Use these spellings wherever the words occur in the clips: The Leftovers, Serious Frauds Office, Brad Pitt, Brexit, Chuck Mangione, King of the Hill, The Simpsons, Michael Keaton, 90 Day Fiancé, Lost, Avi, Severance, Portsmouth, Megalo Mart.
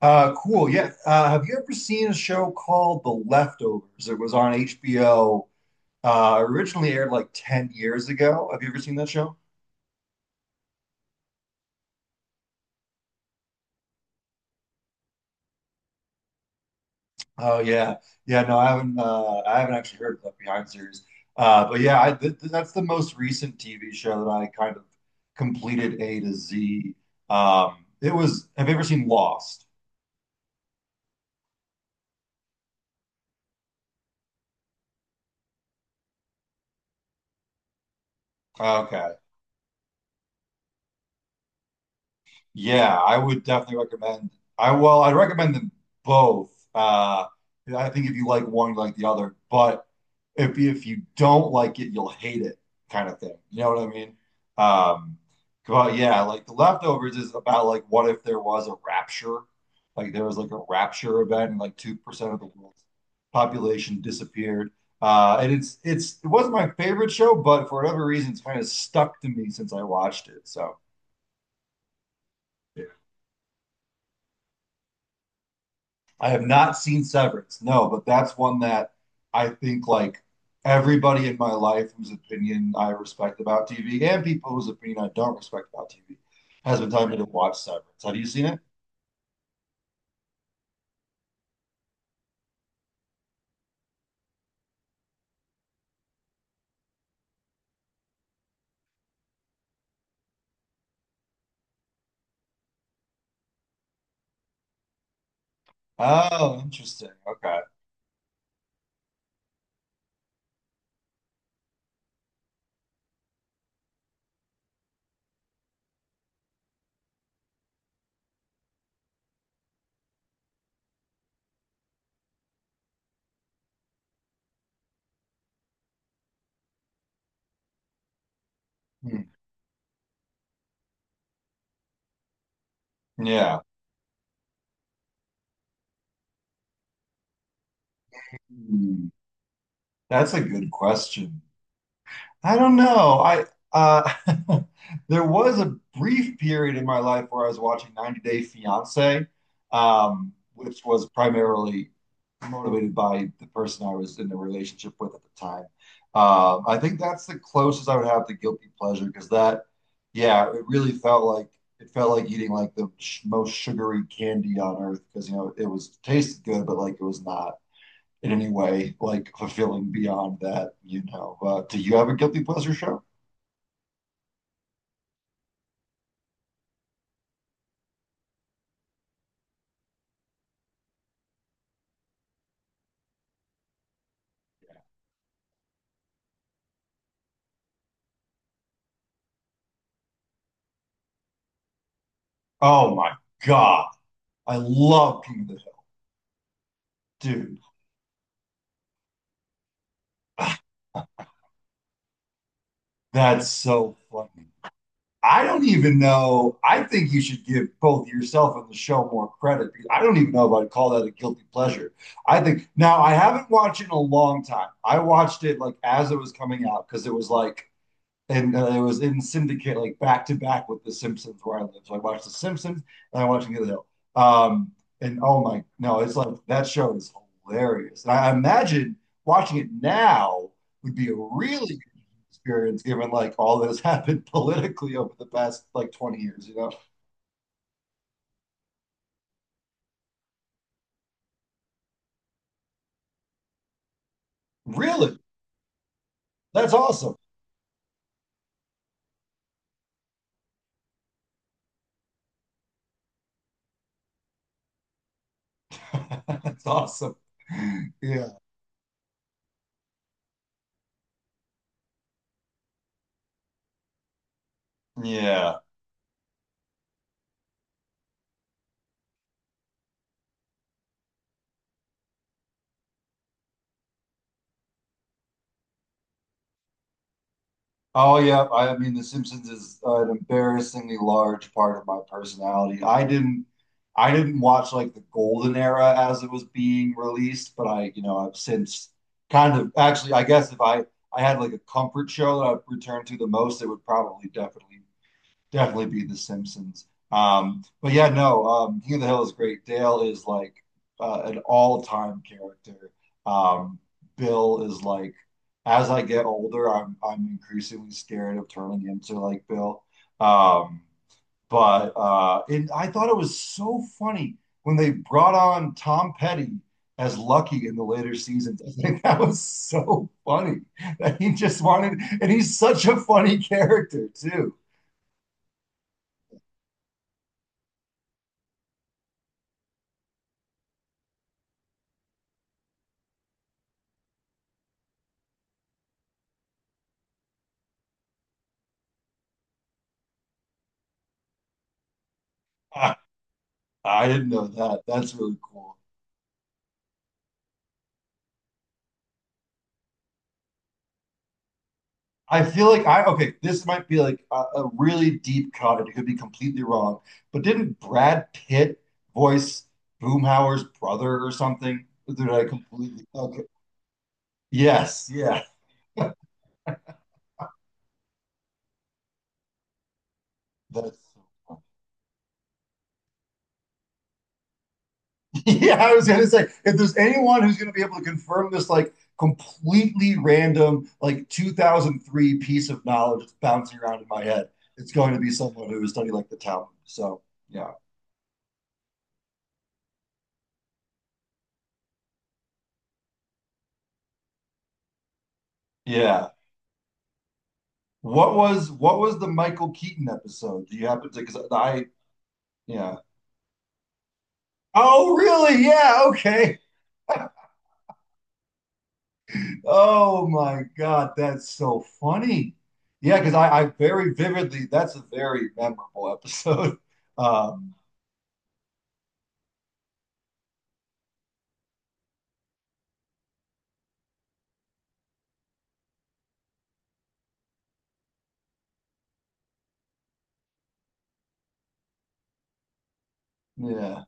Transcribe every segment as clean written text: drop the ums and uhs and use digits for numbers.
Cool. Yeah. Have you ever seen a show called The Leftovers? It was on HBO. Originally aired like 10 years ago. Have you ever seen that show? Oh yeah. Yeah, no, I haven't actually heard of Left Behind series. But yeah, that's the most recent TV show that I kind of completed A to Z. It was, have you ever seen Lost? Okay. Yeah, I would definitely recommend, I well, I'd recommend them both. I think if you like one, you like the other. But if you don't like it, you'll hate it, kind of thing. You know what I mean? Um, but yeah, like the leftovers is about like what if there was a rapture, like there was like a rapture event, and like 2% of the world's population disappeared. And it's it wasn't my favorite show, but for whatever reason, it's kind of stuck to me since I watched it. So yeah. I have not seen Severance, no, but that's one that I think like everybody in my life whose opinion I respect about TV and people whose opinion I don't respect about TV has been telling me to watch Severance. Have you seen it? Oh, interesting. Okay. Hmm. Yeah. Hmm. That's a good question. I don't know. I uh, there was a brief period in my life where I was watching 90 Day Fiancé, which was primarily motivated by the person I was in a relationship with at the time. I think that's the closest I would have to guilty pleasure because that, yeah, it really felt like, it felt like eating like the sh most sugary candy on earth because you know it was tasted good, but like it was not in any way like fulfilling beyond that, you know. Do you have a guilty pleasure show? Oh my God. I love King of the Hill. Dude, that's so funny. I don't even know. I think you should give both yourself and the show more credit. I don't even know if I'd call that a guilty pleasure. I think now I haven't watched it in a long time. I watched it like as it was coming out because it was like, and it was in syndicate like back to back with The Simpsons where I live. So I watched The Simpsons and I watched Get the Hill. Um, and oh my, no, it's like that show is hilarious. And I imagine watching it now would be a really good experience given like all that has happened politically over the past like 20 years, you know? Really? That's awesome. That's awesome. Yeah. Yeah. Oh yeah, I mean, The Simpsons is an embarrassingly large part of my personality. I didn't watch like the golden era as it was being released, but I, you know, I've since kind of, actually I guess if I I had like a comfort show that I've returned to the most, it would probably definitely be The Simpsons. But yeah, no, King of the Hill is great. Dale is like an all-time character. Um, Bill is like, as I get older, I'm increasingly scared of turning into like Bill. Um, but and I thought it was so funny when they brought on Tom Petty as Lucky in the later seasons. I think that was so funny that he just wanted, and he's such a funny character too. Uh, I didn't know that. That's really cool. I feel like I, okay. This might be like a really deep cut. And it could be completely wrong, but didn't Brad Pitt voice Boomhauer's brother or something? Did I completely? Okay. Yes. Yeah. That's. Yeah, I was gonna say if there's anyone who's gonna be able to confirm this like completely random like 2003 piece of knowledge that's bouncing around in my head, it's going to be someone who has studied like the Talmud. So yeah, yeah. What was the Michael Keaton episode? Do you happen to? Because I, yeah. Oh really? Yeah. Okay. Oh my God, that's so funny. Yeah, because I very vividly. That's a very memorable episode. Um, yeah.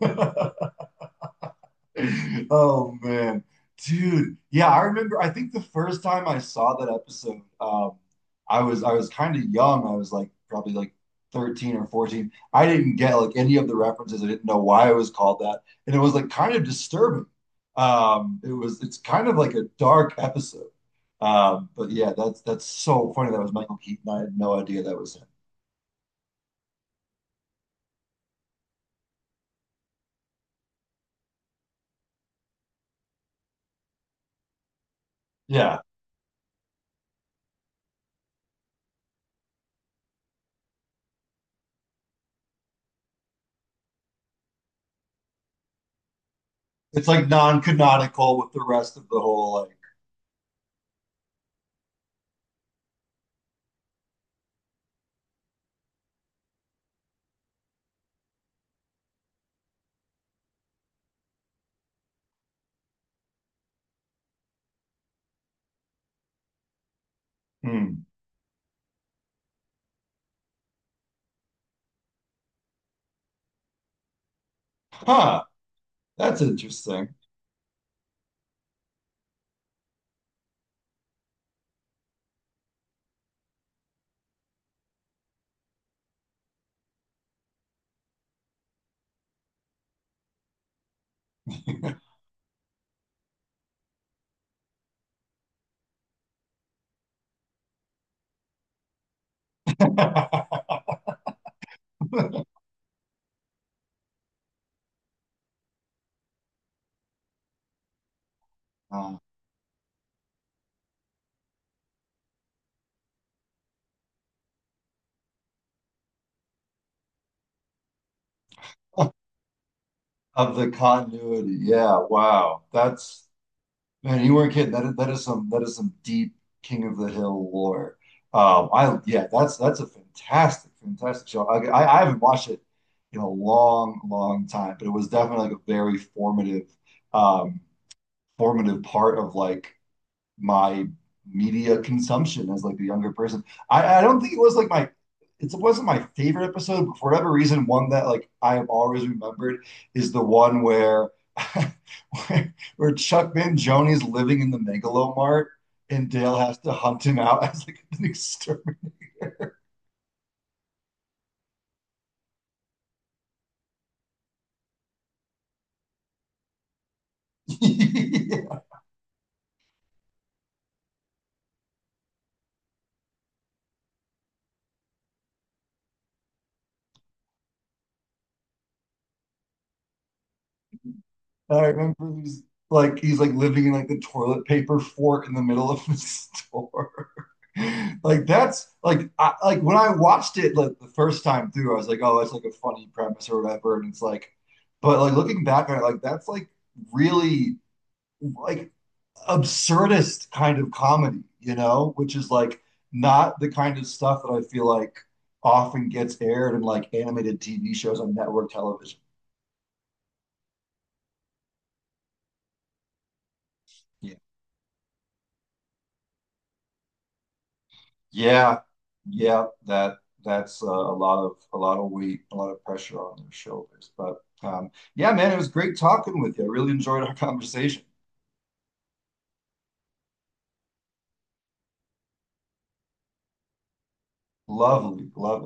Oh man, dude. Yeah, I remember. I think the first time I saw that episode, I was, I was kind of young. I was like probably like 13 or 14. I didn't get like any of the references. I didn't know why it was called that, and it was like kind of disturbing. It was, it's kind of like a dark episode. But yeah, that's so funny. That was Michael Keaton. I had no idea that was him. Yeah, it's like non-canonical with the rest of the whole like. Hmm. Huh. That's interesting. of the continuity. Yeah, wow. That's, man, you weren't kidding. That is some, that is some deep King of the Hill lore. I, yeah, that's a fantastic, fantastic show. I haven't watched it in a long, long time, but it was definitely like a very formative, um, formative part of like my media consumption as like the younger person. I don't think it was like my, it wasn't my favorite episode, but for whatever reason, one that like I have always remembered is the one where where Chuck Mangione is living in the Megalo Mart and Dale has to hunt him out as like an exterminator. yeah. I remember he's like living in like the toilet paper fort in the middle of the store. like that's like like when I watched it like the first time through, I was like, oh, that's like a funny premise or whatever, and it's like, but like looking back on it, like that's like really like absurdist kind of comedy, you know, which is like not the kind of stuff that I feel like often gets aired in like animated TV shows on network television. Yeah, yeah, that that's a lot of, a lot of weight, a lot of pressure on their shoulders. But yeah, man, it was great talking with you. I really enjoyed our conversation. Lovely, lovely.